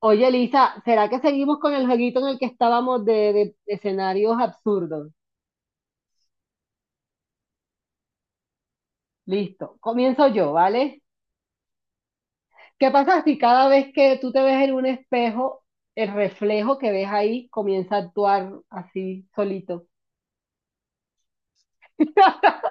Oye, Lisa, ¿será que seguimos con el jueguito en el que estábamos de escenarios absurdos? Listo, comienzo yo, ¿vale? ¿Qué pasa si cada vez que tú te ves en un espejo, el reflejo que ves ahí comienza a actuar así solito?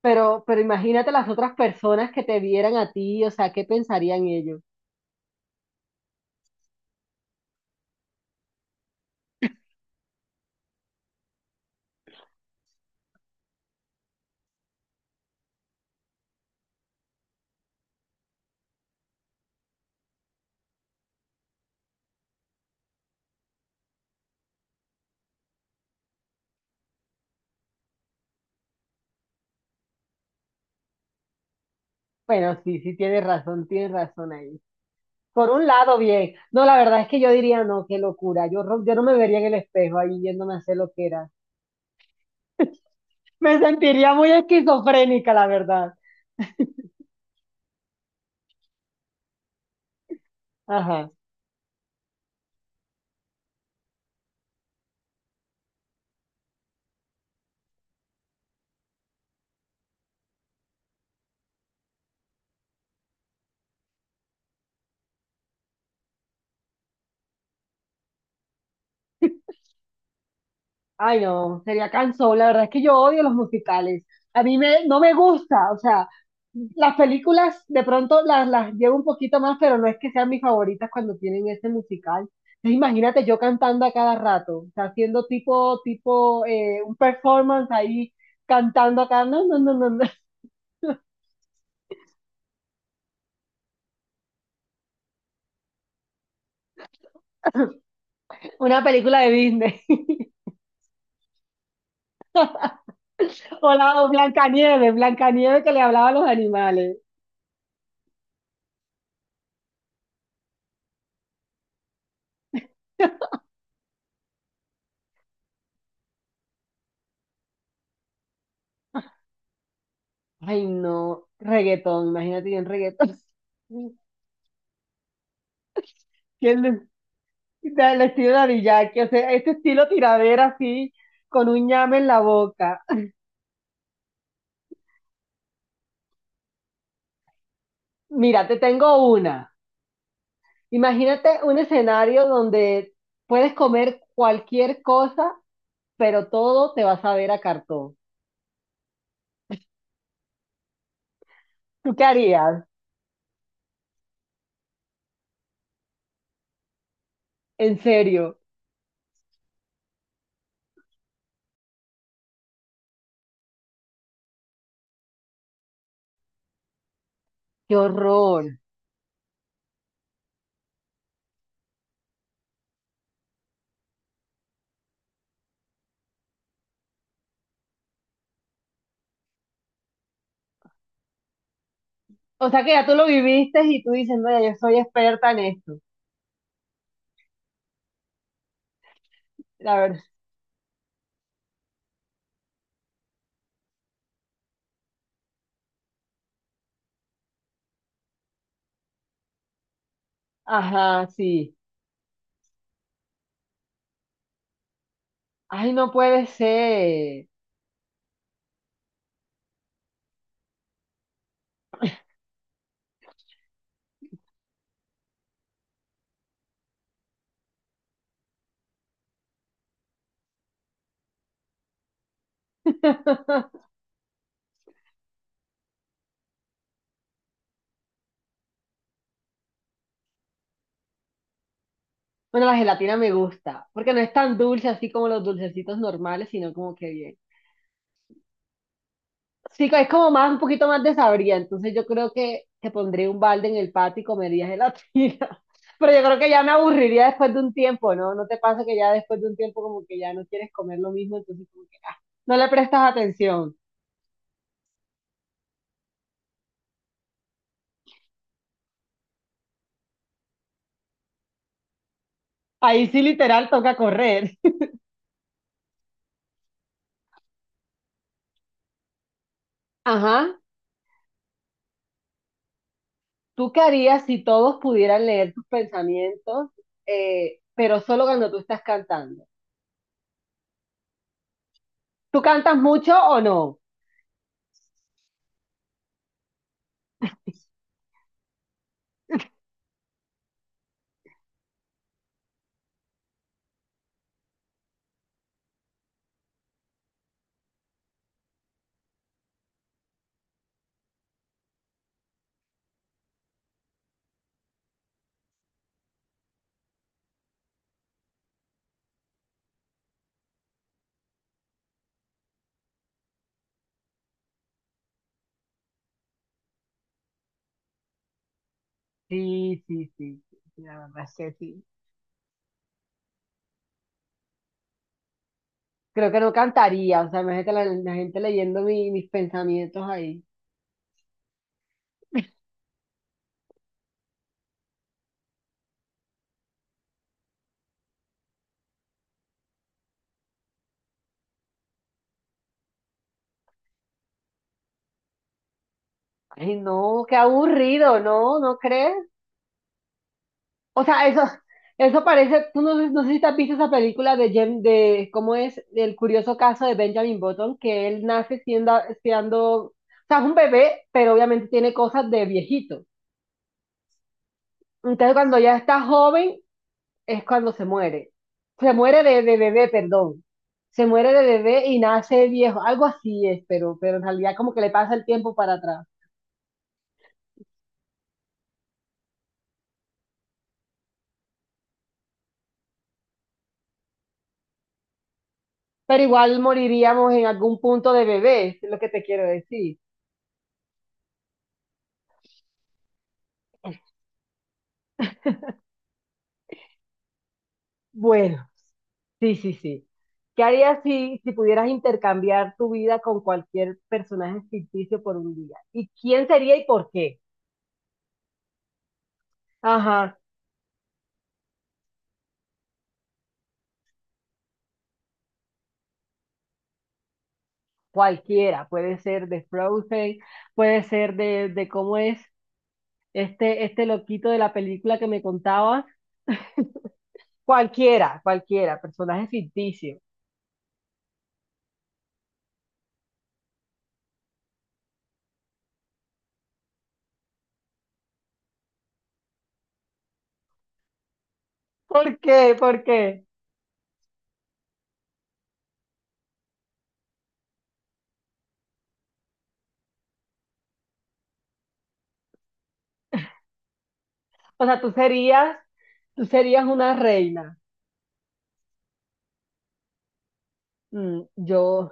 Pero imagínate las otras personas que te vieran a ti, o sea, ¿qué pensarían ellos? Bueno, sí, sí, tienes razón ahí. Por un lado, bien. No, la verdad es que yo diría, no, qué locura. Yo no me vería en el espejo ahí yéndome a hacer lo que era. Me sentiría muy esquizofrénica, la verdad. Ajá. Ay, no, sería cansón. La verdad es que yo odio los musicales. No me gusta. O sea, las películas de pronto las llevo un poquito más, pero no es que sean mis favoritas cuando tienen ese musical. Entonces, imagínate yo cantando a cada rato, o sea, haciendo un performance ahí, cantando acá. No, no, no, no, no. Una película de Disney. O la o Blancanieves, Blancanieves que le hablaba a los animales. Ay, no, reggaetón, imagínate yo en reggaetón. Que el estilo de Daddy que o sea, este estilo tiradera así, con un ñame en la boca. Mira, te tengo una. Imagínate un escenario donde puedes comer cualquier cosa, pero todo te va a saber a cartón. ¿Tú qué harías? En serio, qué horror. O sea que ya tú lo viviste y tú dices, no, ya yo soy experta en esto. La verdad. Ajá, sí. Ay, no puede ser. Bueno, la gelatina me gusta, porque no es tan dulce así como los dulcecitos normales, sino como que bien. Sí, es como más, un poquito más de sabría, entonces yo creo que te pondría un balde en el patio y comería gelatina. Pero yo creo que ya me aburriría después de un tiempo, ¿no? ¿No te pasa que ya después de un tiempo como que ya no quieres comer lo mismo, entonces como que ah, no le prestas atención? Ahí sí literal toca correr. Ajá. ¿Tú qué harías si todos pudieran leer tus pensamientos, pero solo cuando tú estás cantando? ¿Tú cantas mucho o no? Sí, sí, sí, sí, la verdad es que sí. Creo que no cantaría, o sea, imagínate la gente leyendo mis pensamientos ahí. Ay, no, qué aburrido, ¿no? ¿No crees? O sea, eso parece, tú no, sé- no sé si te has visto esa película de ¿cómo es? El curioso caso de Benjamin Button, que él nace siendo, o sea, es un bebé, pero obviamente tiene cosas de viejito. Entonces, cuando ya está joven, es cuando se muere. Se muere de bebé, perdón. Se muere de bebé y nace viejo. Algo así es, pero en realidad como que le pasa el tiempo para atrás. Pero igual moriríamos en algún punto de bebé, es lo que te quiero decir. Bueno, sí, sí, sí. ¿Qué harías si pudieras intercambiar tu vida con cualquier personaje ficticio por un día? ¿Y quién sería y por qué? Ajá, cualquiera. Puede ser de Frozen, puede ser de cómo es este loquito de la película que me contabas. Cualquiera, cualquiera, personaje ficticio. ¿Por qué? ¿Por qué? O sea, tú serías una reina. Mm, yo,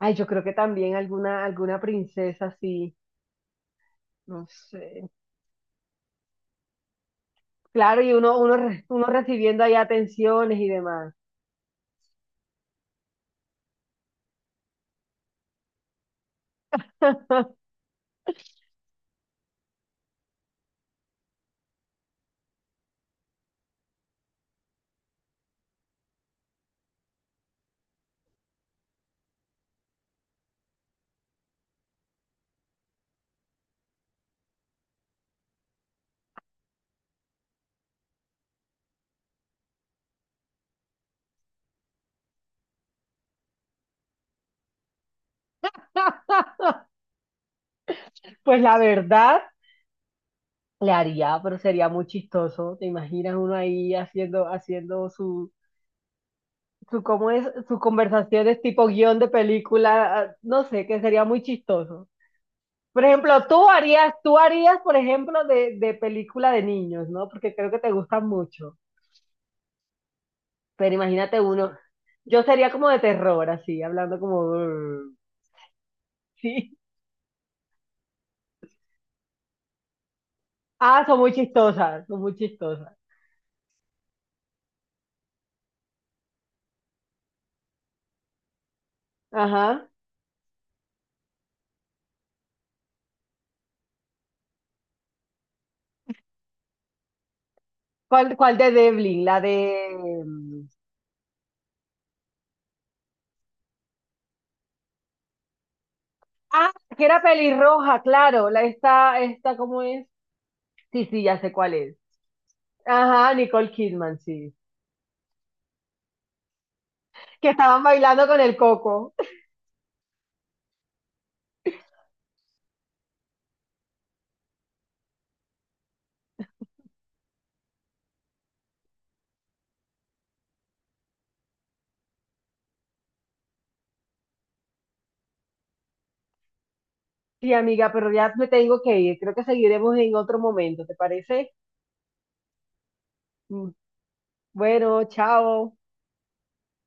ay, yo creo que también alguna, alguna princesa así, no sé. Claro, y uno recibiendo ahí atenciones y demás. Pues la verdad, le haría, pero sería muy chistoso. ¿Te imaginas uno ahí haciendo, haciendo cómo es, su conversación es tipo guión de película, no sé, que sería muy chistoso. Por ejemplo, tú harías, por ejemplo, de película de niños, ¿no? Porque creo que te gustan mucho. Pero imagínate uno, yo sería como de terror, así, hablando como, "Brr", sí. Ah, son muy chistosas, son muy chistosas. Ajá. ¿Cuál, cuál de Devlin? La de... mm, ah, que era pelirroja, claro. La esta, esta, ¿cómo es? Sí, sí, ya sé cuál es. Ajá, Nicole Kidman, sí, que estaban bailando con el coco. Sí, amiga, pero ya me tengo que ir. Creo que seguiremos en otro momento, ¿te parece? Mm, bueno, chao.